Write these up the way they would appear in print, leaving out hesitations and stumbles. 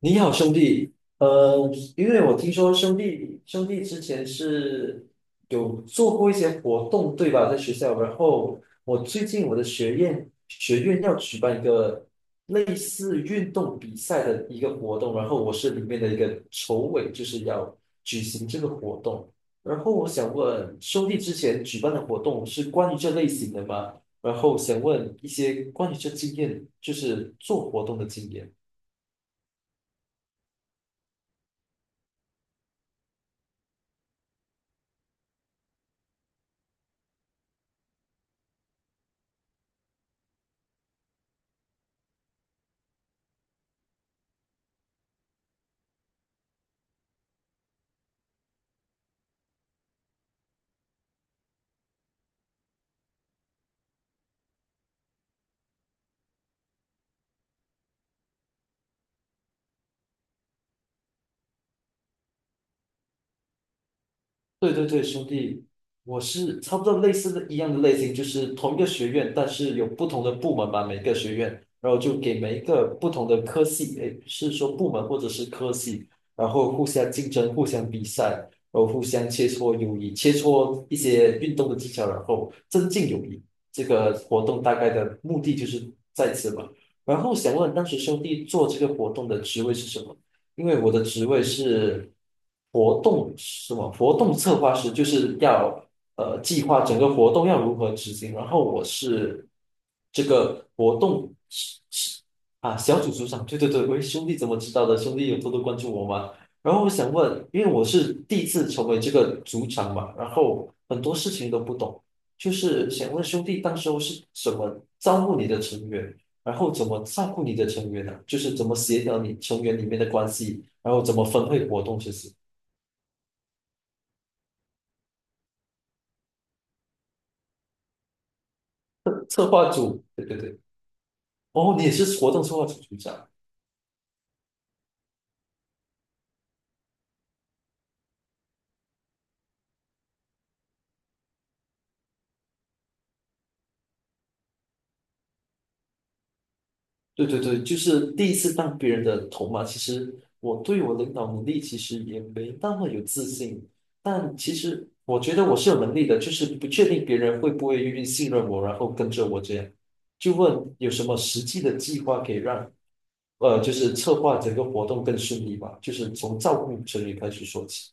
你好，兄弟。因为我听说兄弟之前是有做过一些活动，对吧？在学校，然后我最近我的学院要举办一个类似运动比赛的一个活动，然后我是里面的一个筹委，就是要举行这个活动。然后我想问，兄弟之前举办的活动是关于这类型的吗？然后想问一些关于这经验，就是做活动的经验。对对对，兄弟，我是差不多类似的一样的类型，就是同一个学院，但是有不同的部门吧，每个学院，然后就给每一个不同的科系，诶，是说部门或者是科系，然后互相竞争、互相比赛，然后互相切磋友谊，切磋一些运动的技巧，然后增进友谊。这个活动大概的目的就是在此吧。然后想问，当时兄弟做这个活动的职位是什么？因为我的职位是活动什么活动策划师，就是要计划整个活动要如何执行，然后我是这个活动是是啊小组组长，对对对，喂兄弟怎么知道的？兄弟有多多关注我吗？然后我想问，因为我是第一次成为这个组长嘛，然后很多事情都不懂，就是想问兄弟，当时候是什么招募你的成员？然后怎么照顾你的成员呢、就是怎么协调你成员里面的关系，然后怎么分配活动这些，其实策划组，对对对，哦，你也是活动策划组组长，对对对，就是第一次当别人的头嘛。其实我对我领导能力其实也没那么有自信，但其实我觉得我是有能力的，就是不确定别人会不会愿意信任我，然后跟着我这样。就问有什么实际的计划可以让就是策划整个活动更顺利吧，就是从照顾成员开始说起。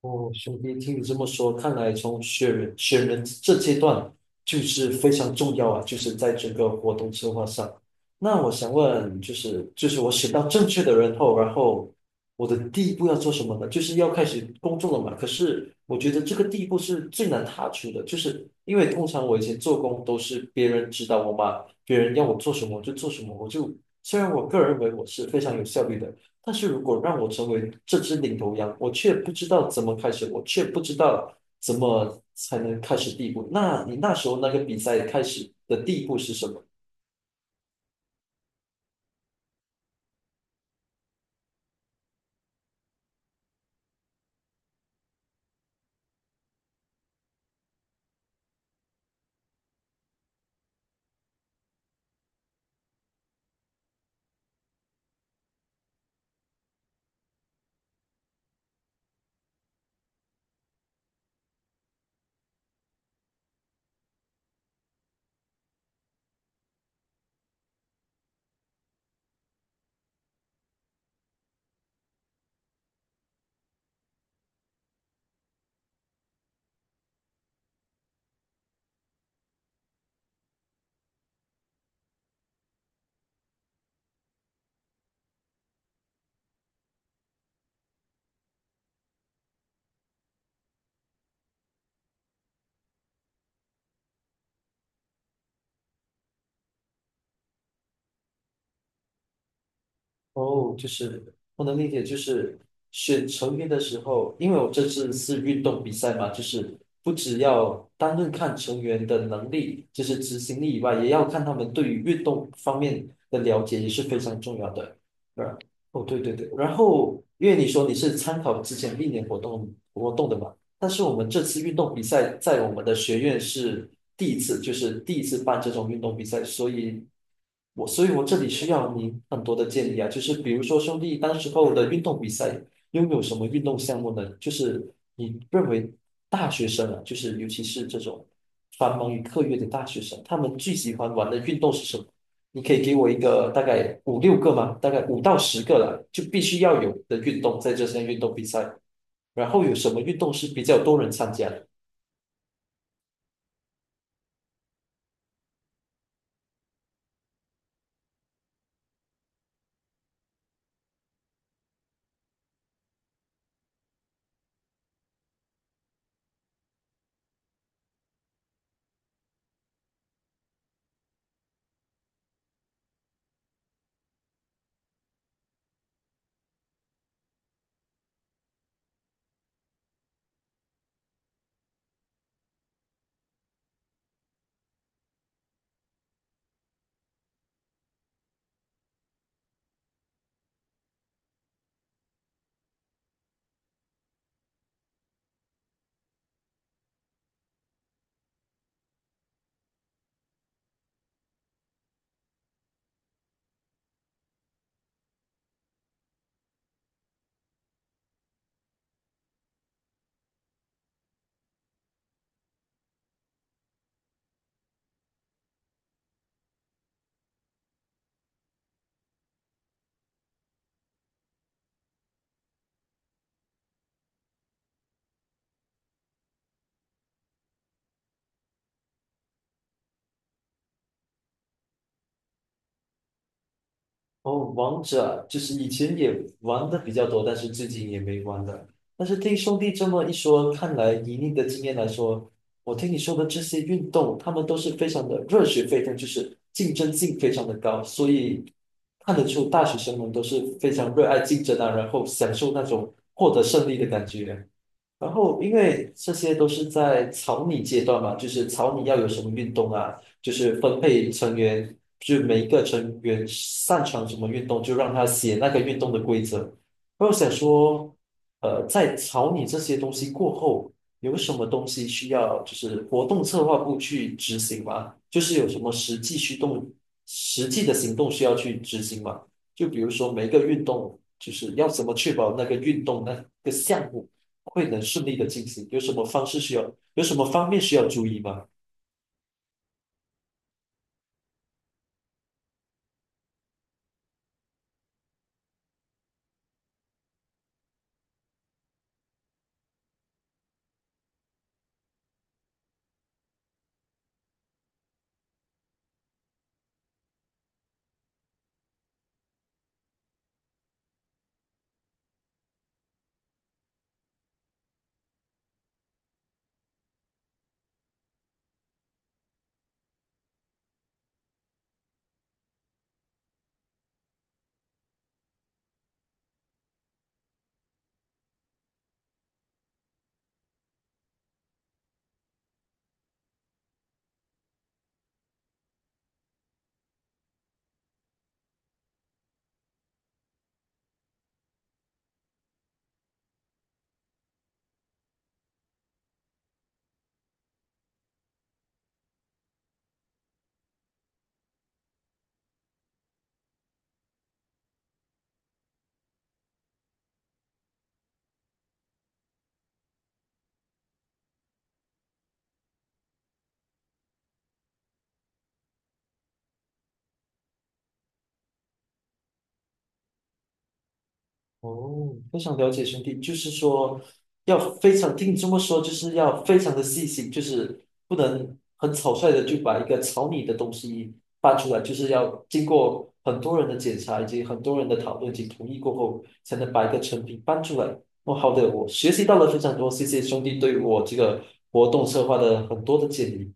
哦，兄弟，听你这么说，看来从选人这阶段就是非常重要啊，就是在整个活动策划上。那我想问，就是我选到正确的人后，然后我的第一步要做什么呢？就是要开始工作了嘛。可是我觉得这个第一步是最难踏出的，就是因为通常我以前做工都是别人指导我嘛，别人要我做什么我就做什么，我就虽然我个人认为我是非常有效率的。但是如果让我成为这只领头羊，我却不知道怎么开始，我却不知道怎么才能开始第一步。那你那时候那个比赛开始的第一步是什么？哦，就是我能理解，就是选成员的时候，因为我这次是运动比赛嘛，就是不只要单论看成员的能力，就是执行力以外，也要看他们对于运动方面的了解也是非常重要的。对，哦，对对对，然后因为你说你是参考之前历年活动的嘛，但是我们这次运动比赛在我们的学院是第一次，就是第一次办这种运动比赛，所以我这里需要你很多的建议啊，就是比如说兄弟当时候的运动比赛拥有什么运动项目呢？就是你认为大学生啊，就是尤其是这种繁忙于课业的大学生，他们最喜欢玩的运动是什么？你可以给我一个大概5、6个吗？大概5到10个了，就必须要有的运动在这项运动比赛。然后有什么运动是比较多人参加的？哦，王者就是以前也玩的比较多，但是最近也没玩了。但是听兄弟这么一说，看来以你的经验来说，我听你说的这些运动，他们都是非常的热血沸腾，就是竞争性非常的高，所以看得出大学生们都是非常热爱竞争啊，然后享受那种获得胜利的感觉。然后，因为这些都是在草拟阶段嘛，就是草拟要有什么运动啊，就是分配成员，就每一个成员擅长什么运动，就让他写那个运动的规则。然后我想说，在草拟这些东西过后，有什么东西需要就是活动策划部去执行吗？就是有什么实际驱动、实际的行动需要去执行吗？就比如说每一个运动，就是要怎么确保那个运动那个项目。会能顺利的进行？有什么方式需要，有什么方面需要注意吗？哦，非常了解兄弟，就是说要非常，听你这么说，就是要非常的细心，就是不能很草率的就把一个草拟的东西搬出来，就是要经过很多人的检查以及很多人的讨论以及同意过后，才能把一个成品搬出来。哦，好的，我学习到了非常多，谢谢兄弟对我这个活动策划的很多的建议。